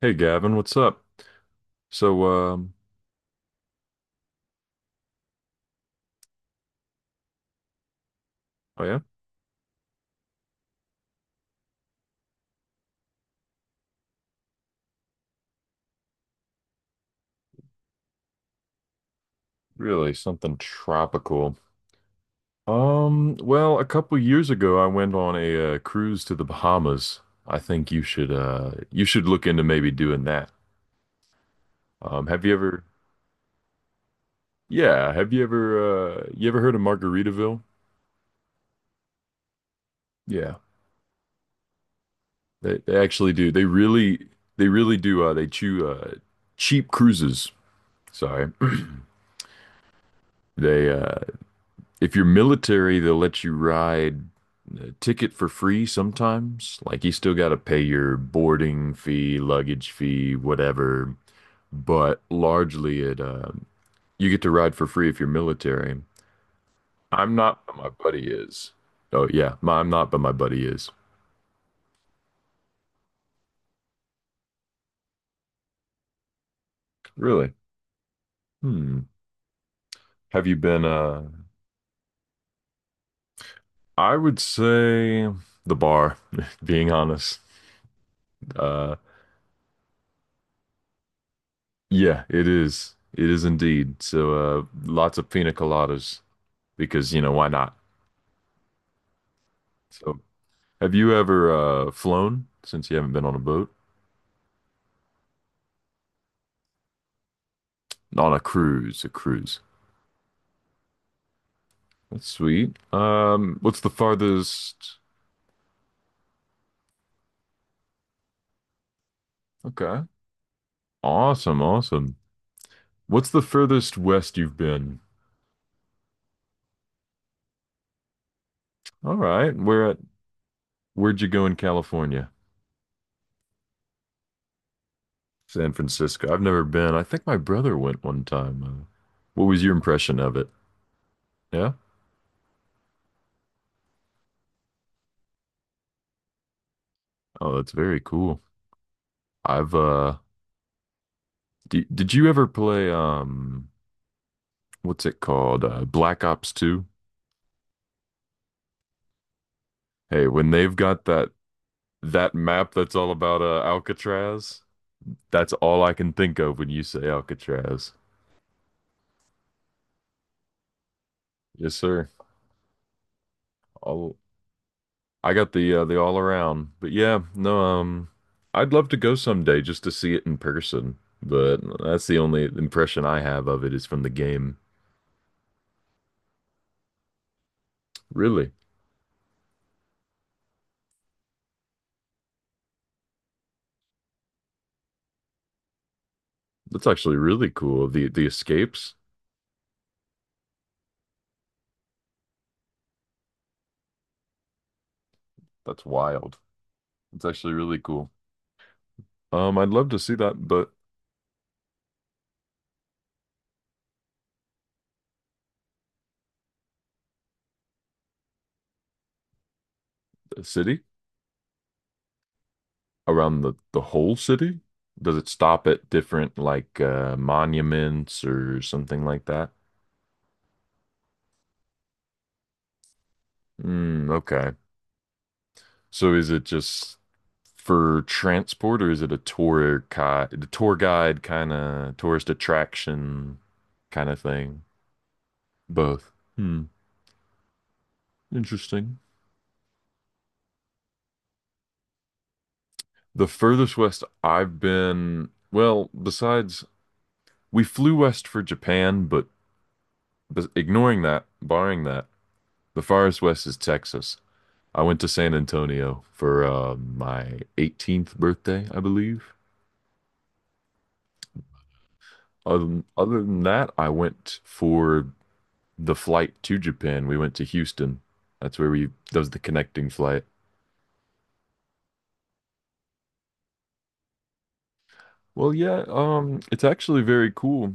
Hey Gavin, what's up? So, oh yeah, really something tropical. Well, a couple years ago, I went on a cruise to the Bahamas. I think you should look into maybe doing that. Have you ever? Yeah, you ever heard of Margaritaville? Yeah, they actually do. They really do. They chew cheap cruises. Sorry. they If you're military, they'll let you ride a ticket for free sometimes. Like you still got to pay your boarding fee, luggage fee, whatever. But largely, it you get to ride for free if you're military. I'm not, but my buddy is. Oh yeah, I'm not, but my buddy is. Really? Hmm. Have you been? I would say the bar. Being honest. Uh, yeah, it is. It is indeed. So lots of pina coladas. Because why not? So, have you ever flown since you haven't been on a boat? On a cruise, a cruise. That's sweet. What's the farthest? Okay. Awesome, awesome. What's the furthest west you've been? All right. Where'd you go in California? San Francisco. I've never been. I think my brother went one time. What was your impression of it? Yeah? Oh, that's very cool. I've d did you ever play what's it called? Black Ops 2? Hey, when they've got that map that's all about Alcatraz, that's all I can think of when you say Alcatraz. Yes, sir. All I got the all around. But yeah, no, I'd love to go someday just to see it in person, but that's the only impression I have of it is from the game. Really. That's actually really cool. The escapes, that's wild. It's actually really cool. I'd love to see that, but the city? Around the whole city? Does it stop at different like monuments or something like that? Mm, okay. So is it just for transport or is it a tour guide, the tour guide kind of tourist attraction kind of thing? Both. Hmm. Interesting. The furthest west I've been, well, besides we flew west for Japan, but ignoring that, barring that, the farthest west is Texas. I went to San Antonio for my 18th birthday, I believe. Other than that, I went for the flight to Japan. We went to Houston. That's that was the connecting flight. Well, yeah, it's actually very cool.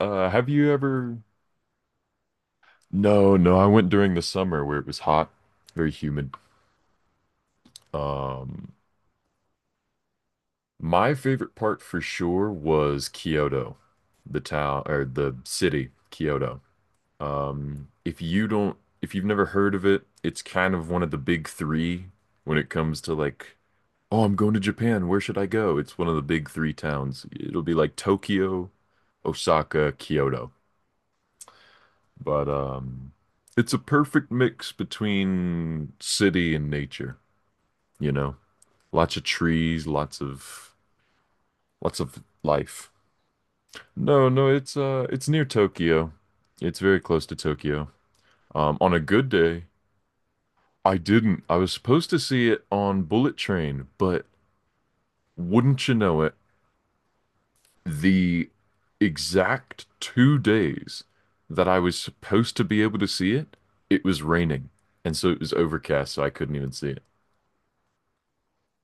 Have you ever? No, no, I went during the summer where it was hot, very humid. Um, my favorite part for sure was Kyoto, the town or the city, Kyoto. If you've never heard of it, it's kind of one of the big three when it comes to like, oh, I'm going to Japan. Where should I go? It's one of the big three towns. It'll be like Tokyo, Osaka, Kyoto. But it's a perfect mix between city and nature, you know? Lots of trees, lots of life. No, no, it's near Tokyo. It's very close to Tokyo. On a good day, I didn't. I was supposed to see it on Bullet Train, but wouldn't you know it, the exact 2 days that I was supposed to be able to see it, it was raining. And so it was overcast, so I couldn't even see it.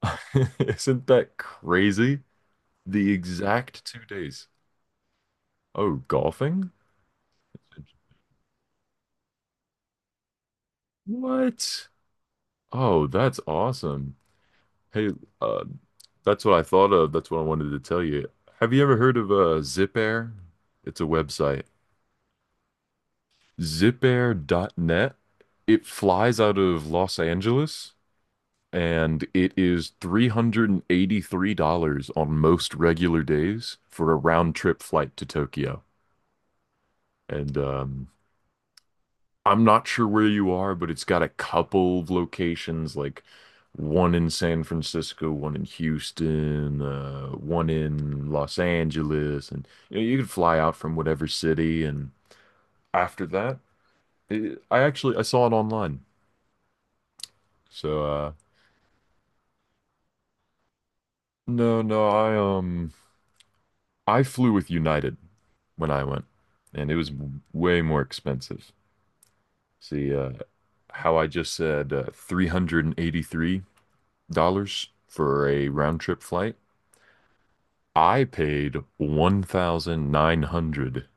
Isn't that crazy? The exact 2 days. Oh, golfing? What? Oh, that's awesome. Hey, uh, that's what I thought of. That's what I wanted to tell you. Have you ever heard of Zipair? It's a website. zipair.net. It flies out of Los Angeles and it is $383 on most regular days for a round trip flight to Tokyo. And I'm not sure where you are, but it's got a couple of locations, like one in San Francisco, one in Houston, one in Los Angeles, and you could fly out from whatever city. And after that, it, I actually I saw it online. So no, no, I flew with United when I went, and it was way more expensive. See, how I just said, $383 for a round trip flight. I paid 1,900.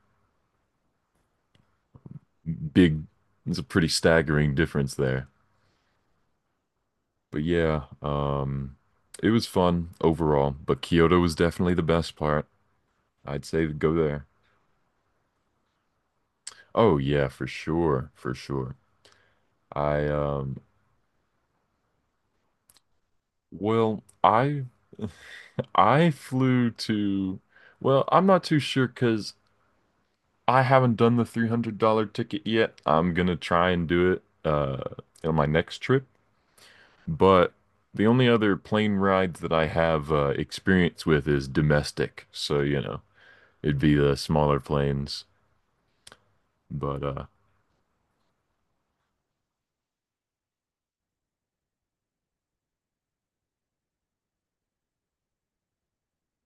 Big, it's a pretty staggering difference there. But yeah, it was fun overall, but Kyoto was definitely the best part. I'd say to go there. Oh yeah, for sure, for sure. I well, I flew to well, I'm not too sure because I haven't done the $300 ticket yet. I'm gonna try and do it on my next trip. But the only other plane rides that I have experience with is domestic. So, it'd be the smaller planes. But,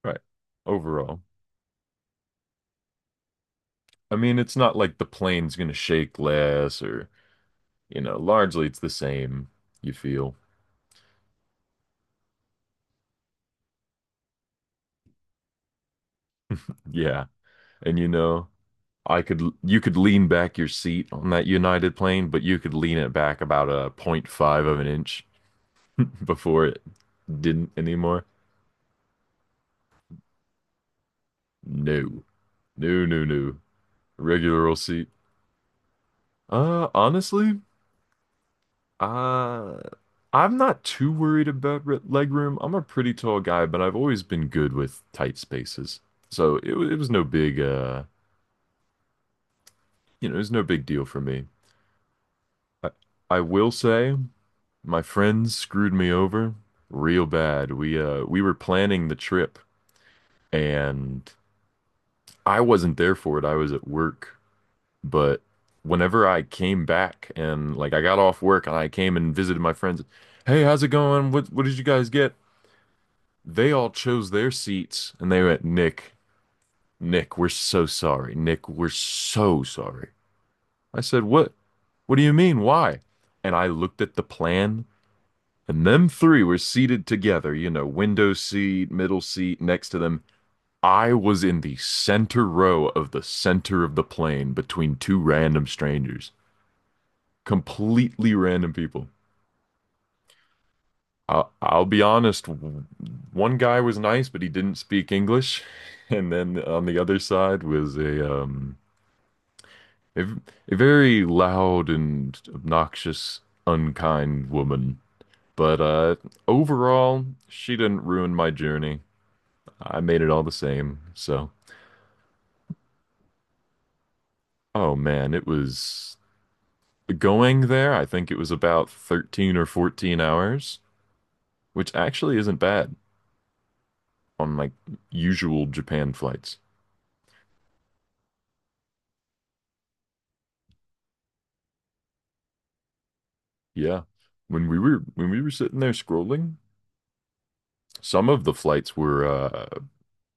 right, overall. I mean, it's not like the plane's gonna shake less or largely it's the same, you feel. Yeah. And you could lean back your seat on that United plane, but you could lean it back about a 0.5 of an inch before it didn't anymore. No. No, no, no. Regular old seat. Honestly, uh, I'm not too worried about leg room. I'm a pretty tall guy, but I've always been good with tight spaces. So it was no big deal for me. I, I will say my friends screwed me over real bad. We were planning the trip and I wasn't there for it. I was at work, but whenever I came back and like I got off work and I came and visited my friends, hey, how's it going? What did you guys get? They all chose their seats and they went, Nick, Nick, we're so sorry. Nick, we're so sorry. I said, what? What do you mean? Why? And I looked at the plan, and them three were seated together, window seat, middle seat, next to them. I was in the center row of the center of the plane between two random strangers, completely random people. I'll be honest. One guy was nice, but he didn't speak English. And then on the other side was a a, v- very loud and obnoxious, unkind woman. But overall, she didn't ruin my journey. I made it all the same. So, oh man, it was going there. I think it was about 13 or 14 hours, which actually isn't bad on like usual Japan flights. Yeah. When we were sitting there scrolling, some of the flights were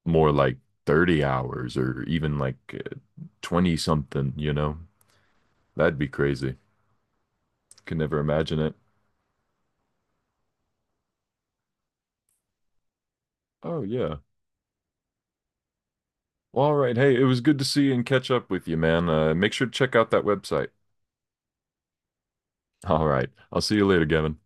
more like 30 hours or even like 20 something. That'd be crazy. Can never imagine it. Oh yeah. Well, all right. Hey, it was good to see and catch up with you, man. Make sure to check out that website. All right. I'll see you later, Gavin.